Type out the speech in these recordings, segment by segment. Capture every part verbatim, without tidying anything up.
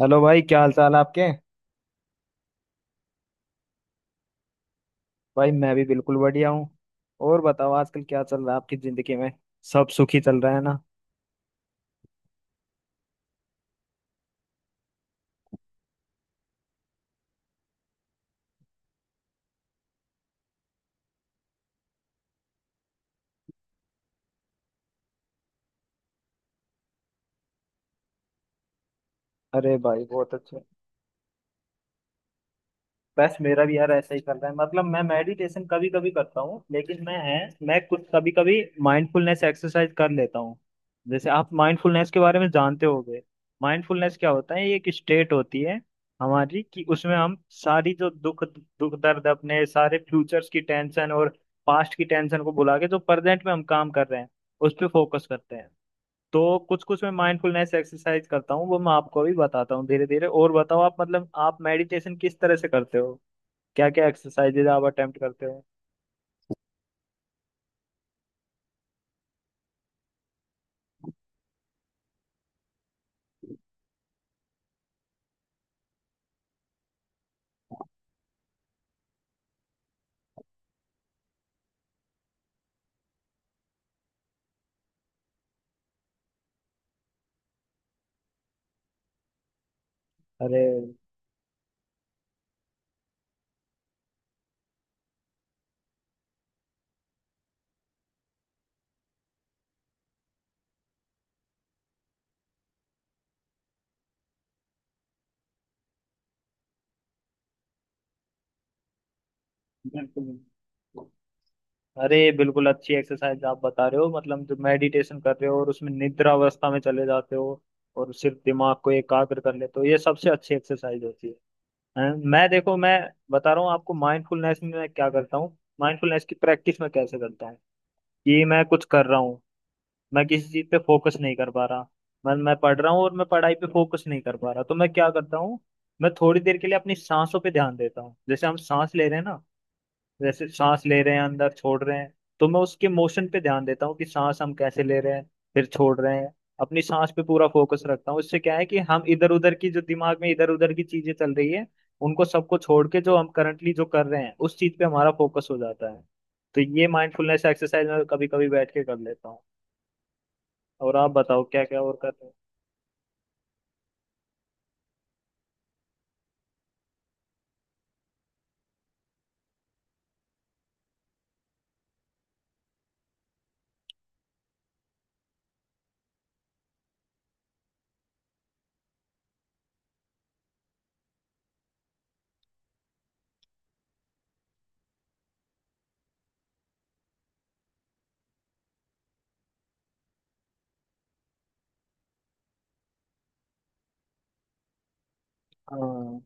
Hello भाई, क्या हाल चाल है आपके। भाई मैं भी बिल्कुल बढ़िया हूँ। और बताओ आजकल क्या चल रहा है आपकी जिंदगी में, सब सुखी चल रहा है ना। अरे भाई बहुत अच्छा। बस मेरा भी यार ऐसा ही चल रहा है, मतलब मैं मेडिटेशन कभी कभी करता हूँ लेकिन मैं है मैं कुछ कभी कभी माइंडफुलनेस एक्सरसाइज कर लेता हूँ। जैसे आप माइंडफुलनेस के बारे में जानते होंगे, माइंडफुलनेस क्या होता है, ये एक स्टेट होती है हमारी कि उसमें हम सारी जो दुख दुख दर्द अपने सारे फ्यूचर्स की टेंशन और पास्ट की टेंशन को भुला के जो प्रेजेंट में हम काम कर रहे हैं उस पर फोकस करते हैं। तो कुछ कुछ मैं माइंडफुलनेस एक्सरसाइज करता हूँ, वो मैं आपको भी बताता हूँ धीरे धीरे। और बताओ आप, मतलब आप मेडिटेशन किस तरह से करते हो, क्या क्या एक्सरसाइजेज आप अटेम्प्ट करते हो। अरे बिल्कुल अरे बिल्कुल अच्छी एक्सरसाइज आप बता रहे हो, मतलब जो मेडिटेशन कर रहे हो और उसमें निद्रा अवस्था में चले जाते हो और सिर्फ दिमाग को एकाग्र कर लेते हो, ये सबसे अच्छी एक्सरसाइज होती है। हैं? मैं देखो, मैं बता रहा हूँ आपको माइंडफुलनेस में मैं क्या करता हूँ, माइंडफुलनेस की प्रैक्टिस में कैसे करता हूँ। कि मैं कुछ कर रहा हूँ, मैं किसी चीज पे फोकस नहीं कर पा रहा, मैं मैं पढ़ रहा हूँ और मैं पढ़ाई पे फोकस नहीं कर पा रहा, तो मैं क्या करता हूँ, मैं थोड़ी देर के लिए अपनी सांसों पे ध्यान देता हूँ। जैसे हम सांस ले रहे हैं ना, जैसे सांस ले रहे हैं, अंदर छोड़ रहे हैं, तो मैं उसके मोशन पे ध्यान देता हूँ कि सांस हम कैसे ले रहे हैं, फिर छोड़ रहे हैं। अपनी सांस पे पूरा फोकस रखता हूँ, इससे क्या है कि हम इधर उधर की जो दिमाग में इधर उधर की चीजें चल रही है उनको सबको छोड़ के जो हम करंटली जो कर रहे हैं उस चीज पे हमारा फोकस हो जाता है। तो ये माइंडफुलनेस एक्सरसाइज मैं कभी कभी बैठ के कर लेता हूँ। और आप बताओ क्या क्या और कर रहे हो। हाँ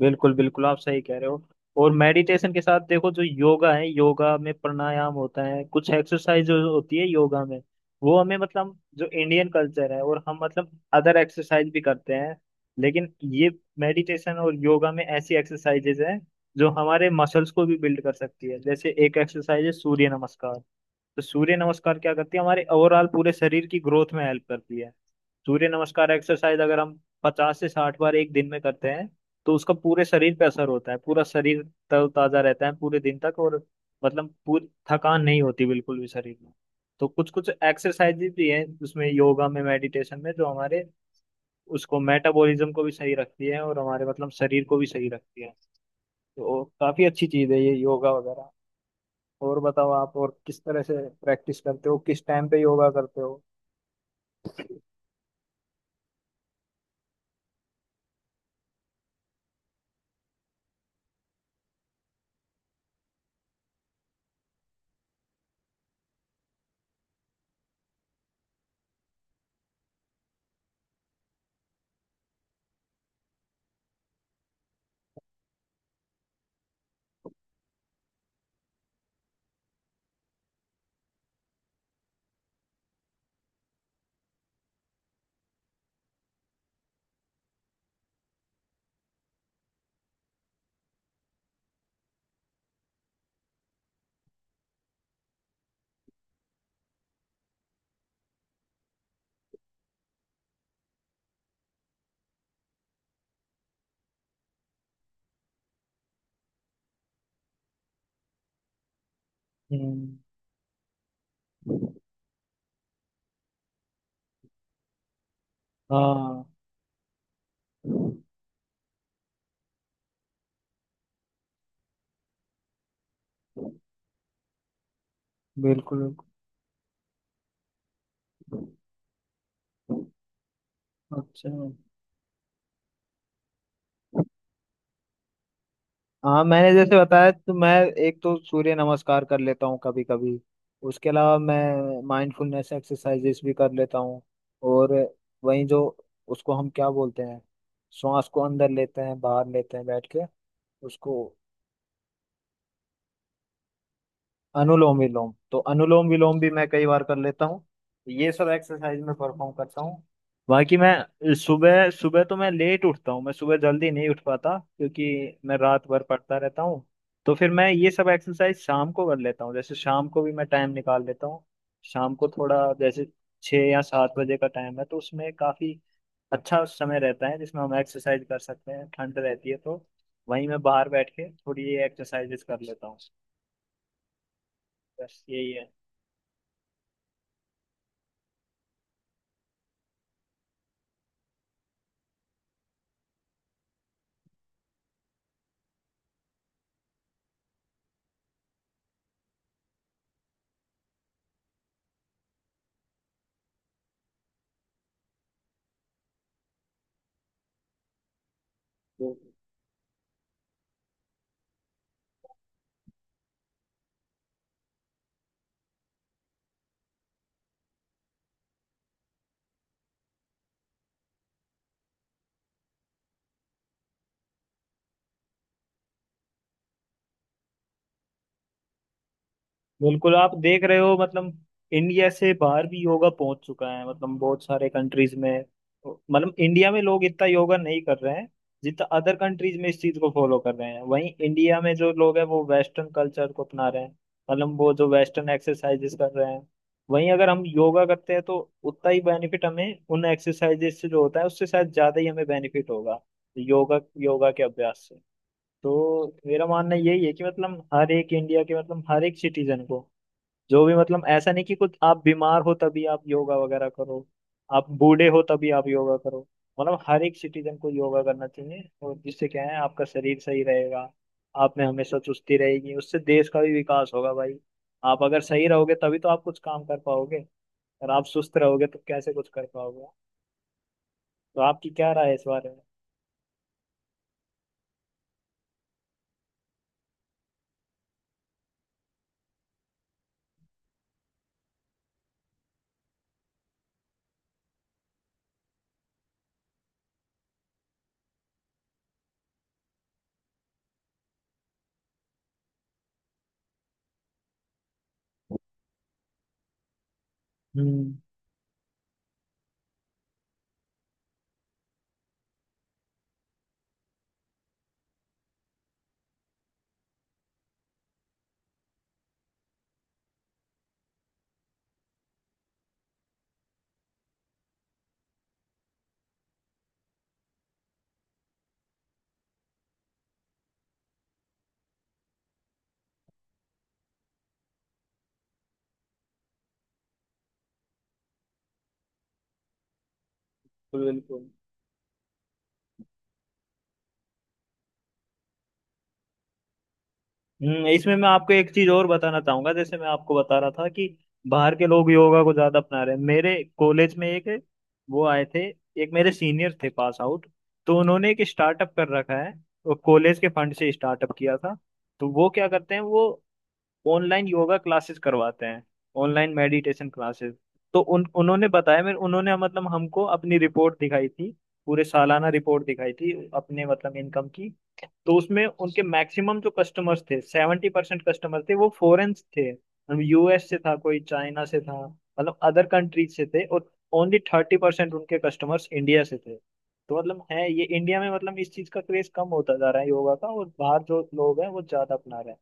बिल्कुल बिल्कुल, आप सही कह रहे हो। और मेडिटेशन के साथ देखो, जो योगा है, योगा में प्राणायाम होता है, कुछ एक्सरसाइज जो होती है योगा में, वो हमें, मतलब जो इंडियन कल्चर है, और हम, मतलब अदर एक्सरसाइज भी करते हैं, लेकिन ये मेडिटेशन और योगा में ऐसी एक्सरसाइजेज हैं जो हमारे मसल्स को भी बिल्ड कर सकती है। जैसे एक एक्सरसाइज है सूर्य नमस्कार। तो सूर्य नमस्कार क्या करती है, हमारे ओवरऑल पूरे शरीर की ग्रोथ में हेल्प करती है। सूर्य नमस्कार एक्सरसाइज अगर हम पचास से साठ बार एक दिन में करते हैं, तो उसका पूरे शरीर पे असर होता है। पूरा शरीर तरोताजा रहता है पूरे दिन तक और, मतलब पूरी थकान नहीं होती बिल्कुल भी शरीर में। तो कुछ कुछ एक्सरसाइज भी हैं उसमें, योगा में, मेडिटेशन में, जो हमारे उसको मेटाबॉलिज्म को भी सही रखती है और हमारे मतलब शरीर को भी सही रखती है। तो काफी अच्छी चीज है ये योगा वगैरह। और बताओ आप और किस तरह से प्रैक्टिस करते हो, किस टाइम पे योगा करते हो। हम्म, हाँ बिल्कुल बिल्कुल अच्छा। हाँ मैंने जैसे बताया, तो मैं एक तो सूर्य नमस्कार कर लेता हूँ कभी कभी। उसके अलावा मैं माइंडफुलनेस एक्सरसाइजेस भी कर लेता हूँ। और वहीं जो, उसको हम क्या बोलते हैं, श्वास को अंदर लेते हैं बाहर लेते हैं बैठ के, उसको अनुलोम विलोम। तो अनुलोम विलोम भी मैं कई बार कर लेता हूँ। ये सब एक्सरसाइज में परफॉर्म करता हूँ। बाकी मैं सुबह सुबह तो मैं लेट उठता हूँ, मैं सुबह जल्दी नहीं उठ पाता क्योंकि मैं रात भर पढ़ता रहता हूँ। तो फिर मैं ये सब एक्सरसाइज शाम को कर लेता हूँ। जैसे शाम को भी मैं टाइम निकाल लेता हूँ, शाम को थोड़ा जैसे छः या सात बजे का टाइम है तो उसमें काफी अच्छा समय रहता है जिसमें हम एक्सरसाइज कर सकते हैं। ठंड रहती है तो वहीं मैं बाहर बैठ के थोड़ी ये एक्सरसाइजेस कर लेता हूँ। बस यही है। बिल्कुल, आप देख रहे हो, मतलब इंडिया से बाहर भी योगा पहुंच चुका है, मतलब बहुत सारे कंट्रीज में। मतलब इंडिया में लोग इतना योगा नहीं कर रहे हैं जितना अदर कंट्रीज में इस चीज को फॉलो कर रहे हैं। वहीं इंडिया में जो लोग हैं वो वेस्टर्न कल्चर को अपना रहे हैं, मतलब वो जो वेस्टर्न एक्सरसाइजेस कर रहे हैं। वहीं अगर हम योगा करते हैं तो उतना ही बेनिफिट हमें, उन एक्सरसाइजेस से जो होता है उससे शायद ज्यादा ही हमें बेनिफिट होगा योगा योगा के अभ्यास से। तो मेरा मानना यही है कि मतलब हर एक इंडिया के, मतलब हर एक सिटीजन को, जो भी, मतलब ऐसा नहीं कि कुछ आप बीमार हो तभी आप योगा वगैरह करो, आप बूढ़े हो तभी आप योगा करो। मतलब हर एक सिटीजन को योगा करना चाहिए, और जिससे क्या है आपका शरीर सही रहेगा, आप में हमेशा चुस्ती रहेगी, उससे देश का भी विकास होगा भाई। आप अगर सही रहोगे तभी तो आप कुछ काम कर पाओगे, और आप सुस्त रहोगे तो कैसे कुछ कर पाओगे। तो आपकी क्या राय है इस बारे में। हम्म, बिल्कुल बिल्कुल। हम्म, इसमें मैं आपको एक चीज और बताना चाहूंगा, जैसे मैं आपको बता रहा था कि बाहर के लोग योगा को ज्यादा अपना रहे हैं। मेरे कॉलेज में एक वो आए थे, एक मेरे सीनियर थे पास आउट, तो उन्होंने एक स्टार्टअप कर रखा है। वो कॉलेज के फंड से स्टार्टअप किया था। तो वो क्या करते हैं, वो ऑनलाइन योगा क्लासेस करवाते हैं, ऑनलाइन मेडिटेशन क्लासेस। तो उन उन्होंने बताया मेरे, उन्होंने मतलब हमको अपनी रिपोर्ट दिखाई थी, पूरे सालाना रिपोर्ट दिखाई थी अपने मतलब इनकम की। तो उसमें उनके मैक्सिमम जो कस्टमर्स थे, सेवेंटी परसेंट कस्टमर थे वो फॉरेन थे, मतलब यूएस से था कोई, चाइना से था, मतलब अदर कंट्रीज से थे। और ओनली थर्टी परसेंट उनके कस्टमर्स इंडिया से थे। तो मतलब है ये इंडिया में, मतलब इस चीज का क्रेज कम होता जा रहा है योगा का, और बाहर जो लोग हैं वो ज्यादा अपना रहे हैं।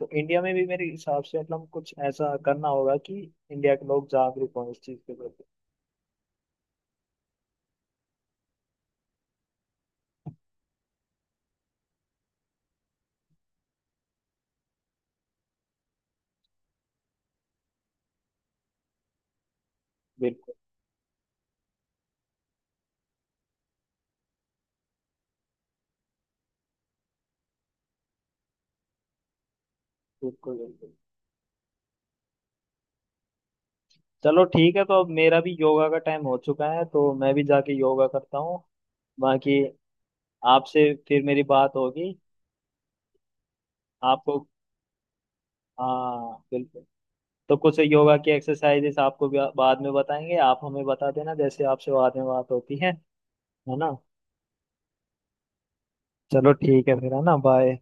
तो इंडिया में भी मेरे हिसाब से मतलब कुछ ऐसा करना होगा कि इंडिया के लोग जागरूक हों इस चीज के प्रति। बिल्कुल, बिल्कुल बिल्कुल। चलो ठीक है, तो अब मेरा भी योगा का टाइम हो चुका है, तो मैं भी जाके योगा करता हूँ। बाकी आपसे फिर मेरी बात होगी। आपको, हाँ बिल्कुल। तो कुछ योगा की एक्सरसाइजेस आपको भी बाद में बताएंगे, आप हमें बता देना जैसे आपसे बाद में बात होती है है ना। चलो ठीक है फिर, है ना, बाय।